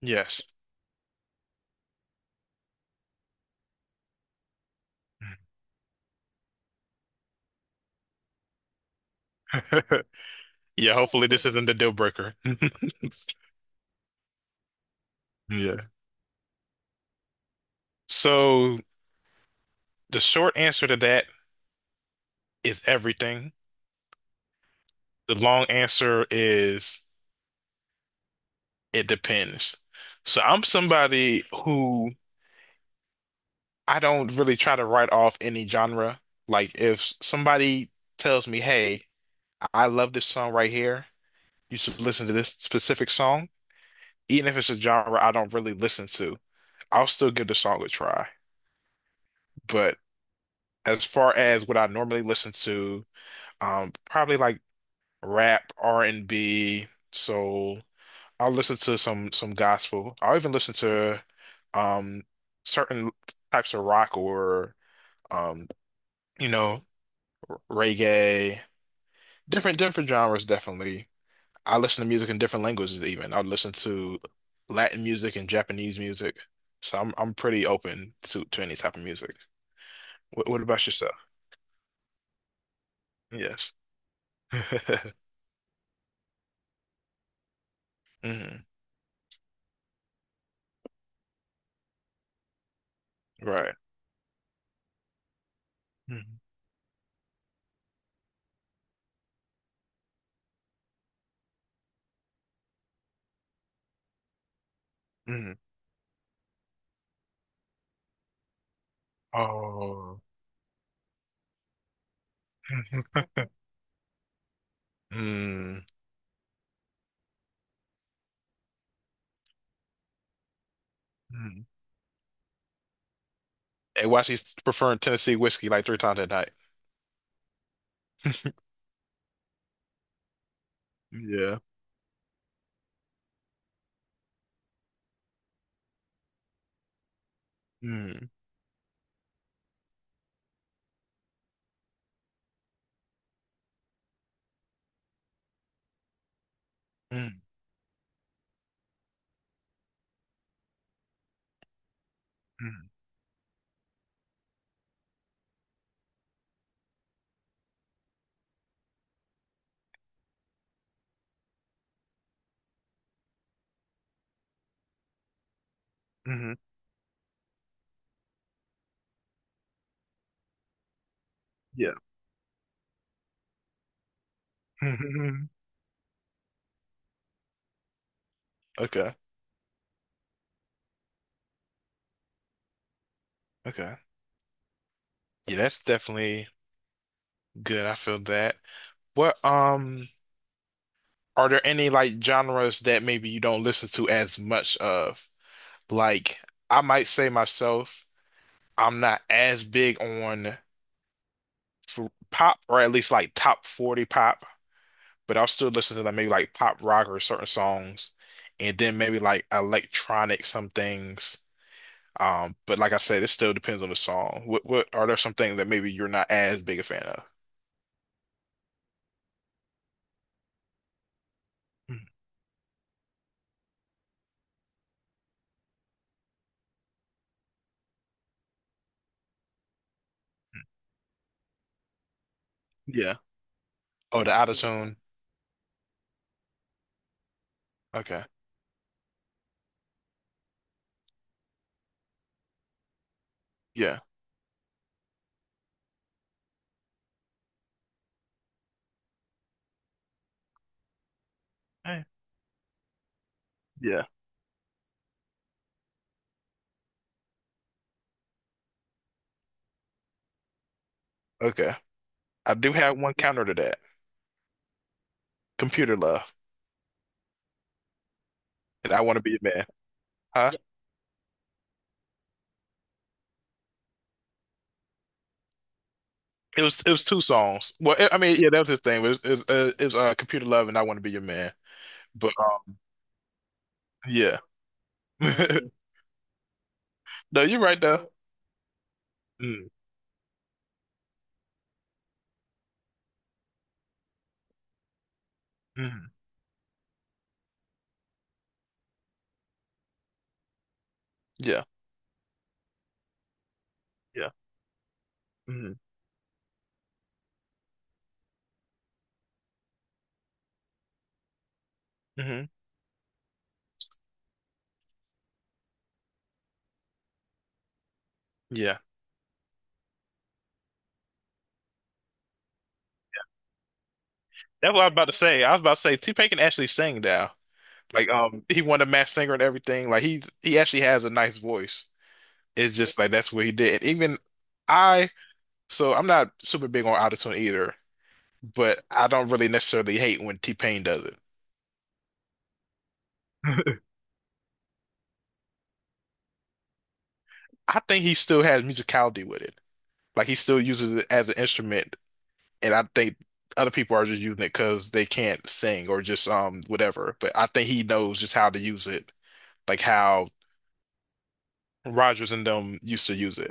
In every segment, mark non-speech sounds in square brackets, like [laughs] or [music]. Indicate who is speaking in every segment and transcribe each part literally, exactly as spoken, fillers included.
Speaker 1: Yes. [laughs] Yeah, hopefully this isn't the deal breaker. [laughs] Yeah. So the short answer to that is everything. The long answer is it depends. So I'm somebody who I don't really try to write off any genre. Like if somebody tells me, "Hey, I love this song right here. You should listen to this specific song," even if it's a genre I don't really listen to, I'll still give the song a try. But as far as what I normally listen to, um, probably like rap, R and B, soul. I'll listen to some some gospel. I'll even listen to um certain types of rock or um, you know, reggae, different different genres definitely. I listen to music in different languages even. I'll listen to Latin music and Japanese music. So I'm I'm pretty open to to any type of music. What what about yourself? Yes. [laughs] Hmm. Right. Mm-hmm. Mm. Oh. [laughs] Mm. Mm. And why she's preferring Tennessee whiskey like three times a night. Yeah. Mm. Mm. Mm. Hmm. Yeah. [laughs] Okay. Okay. Yeah, that's definitely good. I feel that. What um Are there any like genres that maybe you don't listen to as much of? Like I might say myself, I'm not as big on f pop, or at least like top forty pop, but I'll still listen to like maybe like pop rock or certain songs, and then maybe like electronic some things. Um, but like I said, it still depends on the song. What what Are there some things that maybe you're not as big a fan of? Mm. Yeah. Oh, the auto tune. Okay. Yeah. Eh. Yeah. Okay. I do have one counter to that. Computer Love, and I Want to Be Your Man. Huh? It was it was two songs. Well, I I mean, yeah, that was his thing. But It was, it was, uh, it was uh, Computer Love and I Want to Be Your Man. But uh, yeah, [laughs] no, you're right though. Mm. Yeah. Yeah. Hmm. Hmm. Yeah. That's what I was about to say. I was about to say T-Pain can actually sing now. Like um he won a Masked Singer and everything. Like he's he actually has a nice voice. It's just like that's what he did. And even I so I'm not super big on autotune either, but I don't really necessarily hate when T-Pain does it. [laughs] I think he still has musicality with it. Like he still uses it as an instrument, and I think other people are just using it because they can't sing or just um whatever. But I think he knows just how to use it like how Rogers and them used to use it.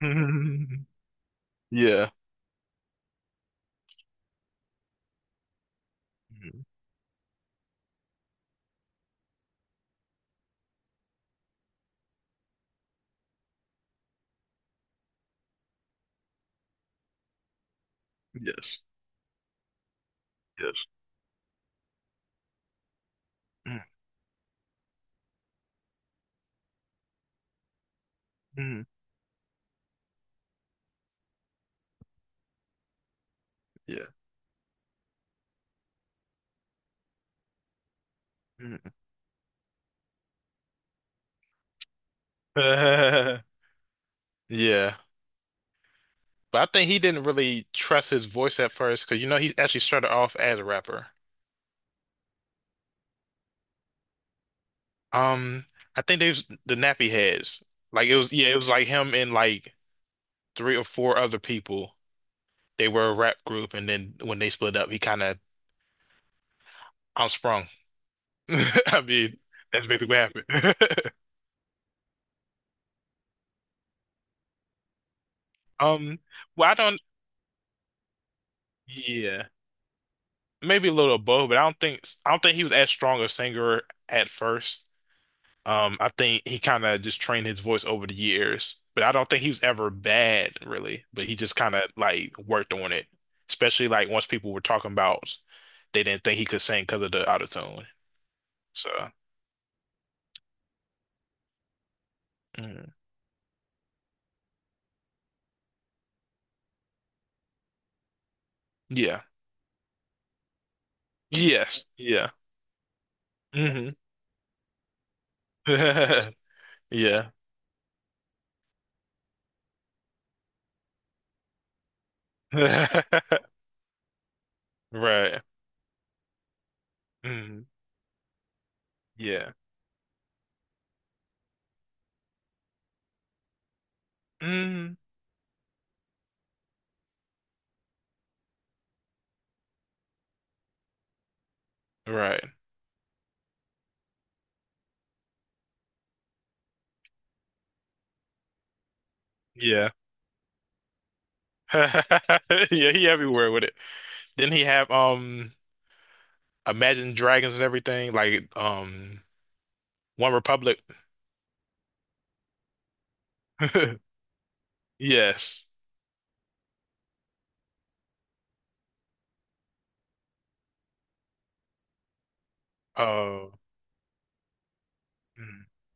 Speaker 1: [laughs] Yeah. Mhm. Yes. Yes. Mm-hmm. Yeah. Mhm. [laughs] Yeah. But I think he didn't really trust his voice at first because you know he actually started off as a rapper. Um, I think they was the Nappy Heads. Like it was, yeah, it was like him and like three or four other people. They were a rap group, and then when they split up, he kind of sprung. [laughs] I mean, that's basically what happened. [laughs] Um, well, I don't. Yeah, maybe a little above, but I don't think I don't think he was as strong a singer at first. Um, I think he kind of just trained his voice over the years, but I don't think he was ever bad really. But he just kind of like worked on it, especially like once people were talking about they didn't think he could sing because of the autotune. So. Mhm. Yeah. Yes. Yeah. Hmm. [laughs] Yeah. [laughs] Right. Hmm. Yeah. Hmm. Right. Yeah. [laughs] Yeah, he everywhere with it. Didn't he have um Imagine Dragons and everything? Like um One Republic. [laughs] Yes. Oh. [laughs]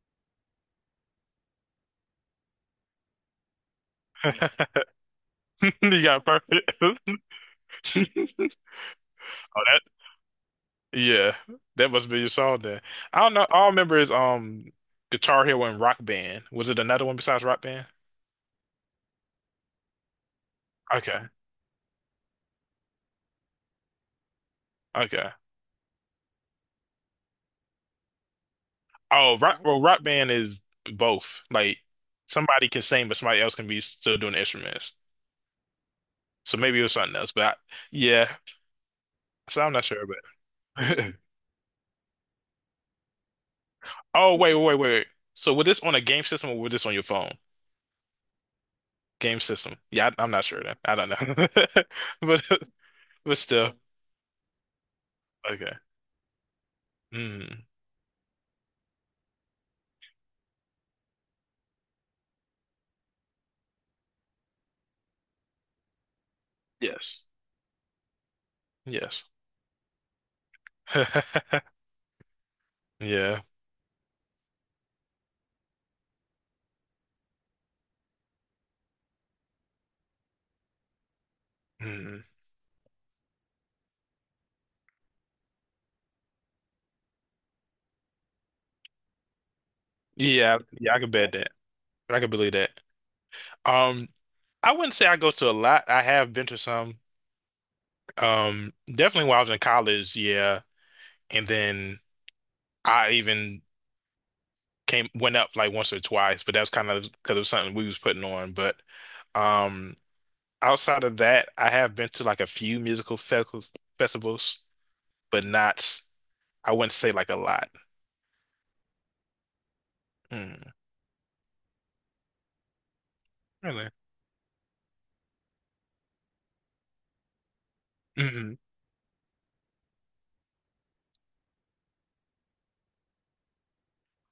Speaker 1: You got perfect. [laughs] Oh, that, yeah. That must be your song then. I don't know. All I remember is um Guitar Hero and Rock Band. Was it another one besides Rock Band? Okay. Okay. Oh, rock well, Rock Band is both. Like somebody can sing, but somebody else can be still doing the instruments. So maybe it was something else, but I, yeah. So I'm not sure, but [laughs] oh, wait, wait, wait, wait. So was this on a game system or was this on your phone? Game system. Yeah, I, I'm not sure then. I don't know, [laughs] but but still, okay. Mm. Yes, yes. [laughs] Yeah, mm. Yeah, yeah. I can bet that. I can believe that. Um, I wouldn't say I go to a lot. I have been to some. Um, definitely while I was in college. Yeah, and then I even came went up like once or twice, but that was kind of because of something we was putting on. But um outside of that, I have been to like a few musical fe festivals, but not I wouldn't say like a lot. Mm. Really? Mhm.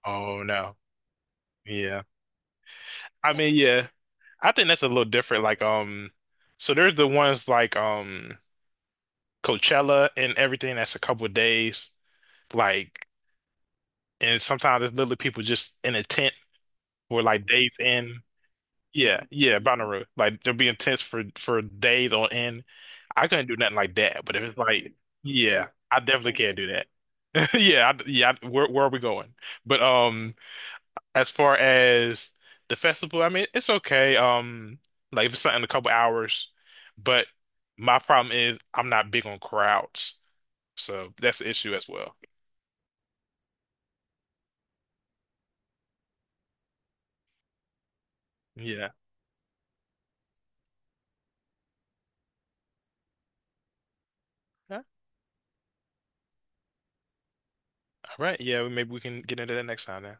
Speaker 1: Oh no. Yeah. I mean, yeah. I think that's a little different. Like um so there's the ones like um Coachella and everything that's a couple of days. Like and sometimes there's literally people just in a tent for like days in. Yeah, yeah, binary. Like they'll be intense for for days on end. I couldn't do nothing like that. But if it's like, yeah, I definitely can't do that. [laughs] Yeah, I, yeah. I- where where are we going? But um, as far as the festival, I mean, it's okay. Um, like if it's something in a couple hours, but my problem is I'm not big on crowds, so that's the issue as well. Yeah. Yeah. All right. Yeah. Maybe we can get into that next time then.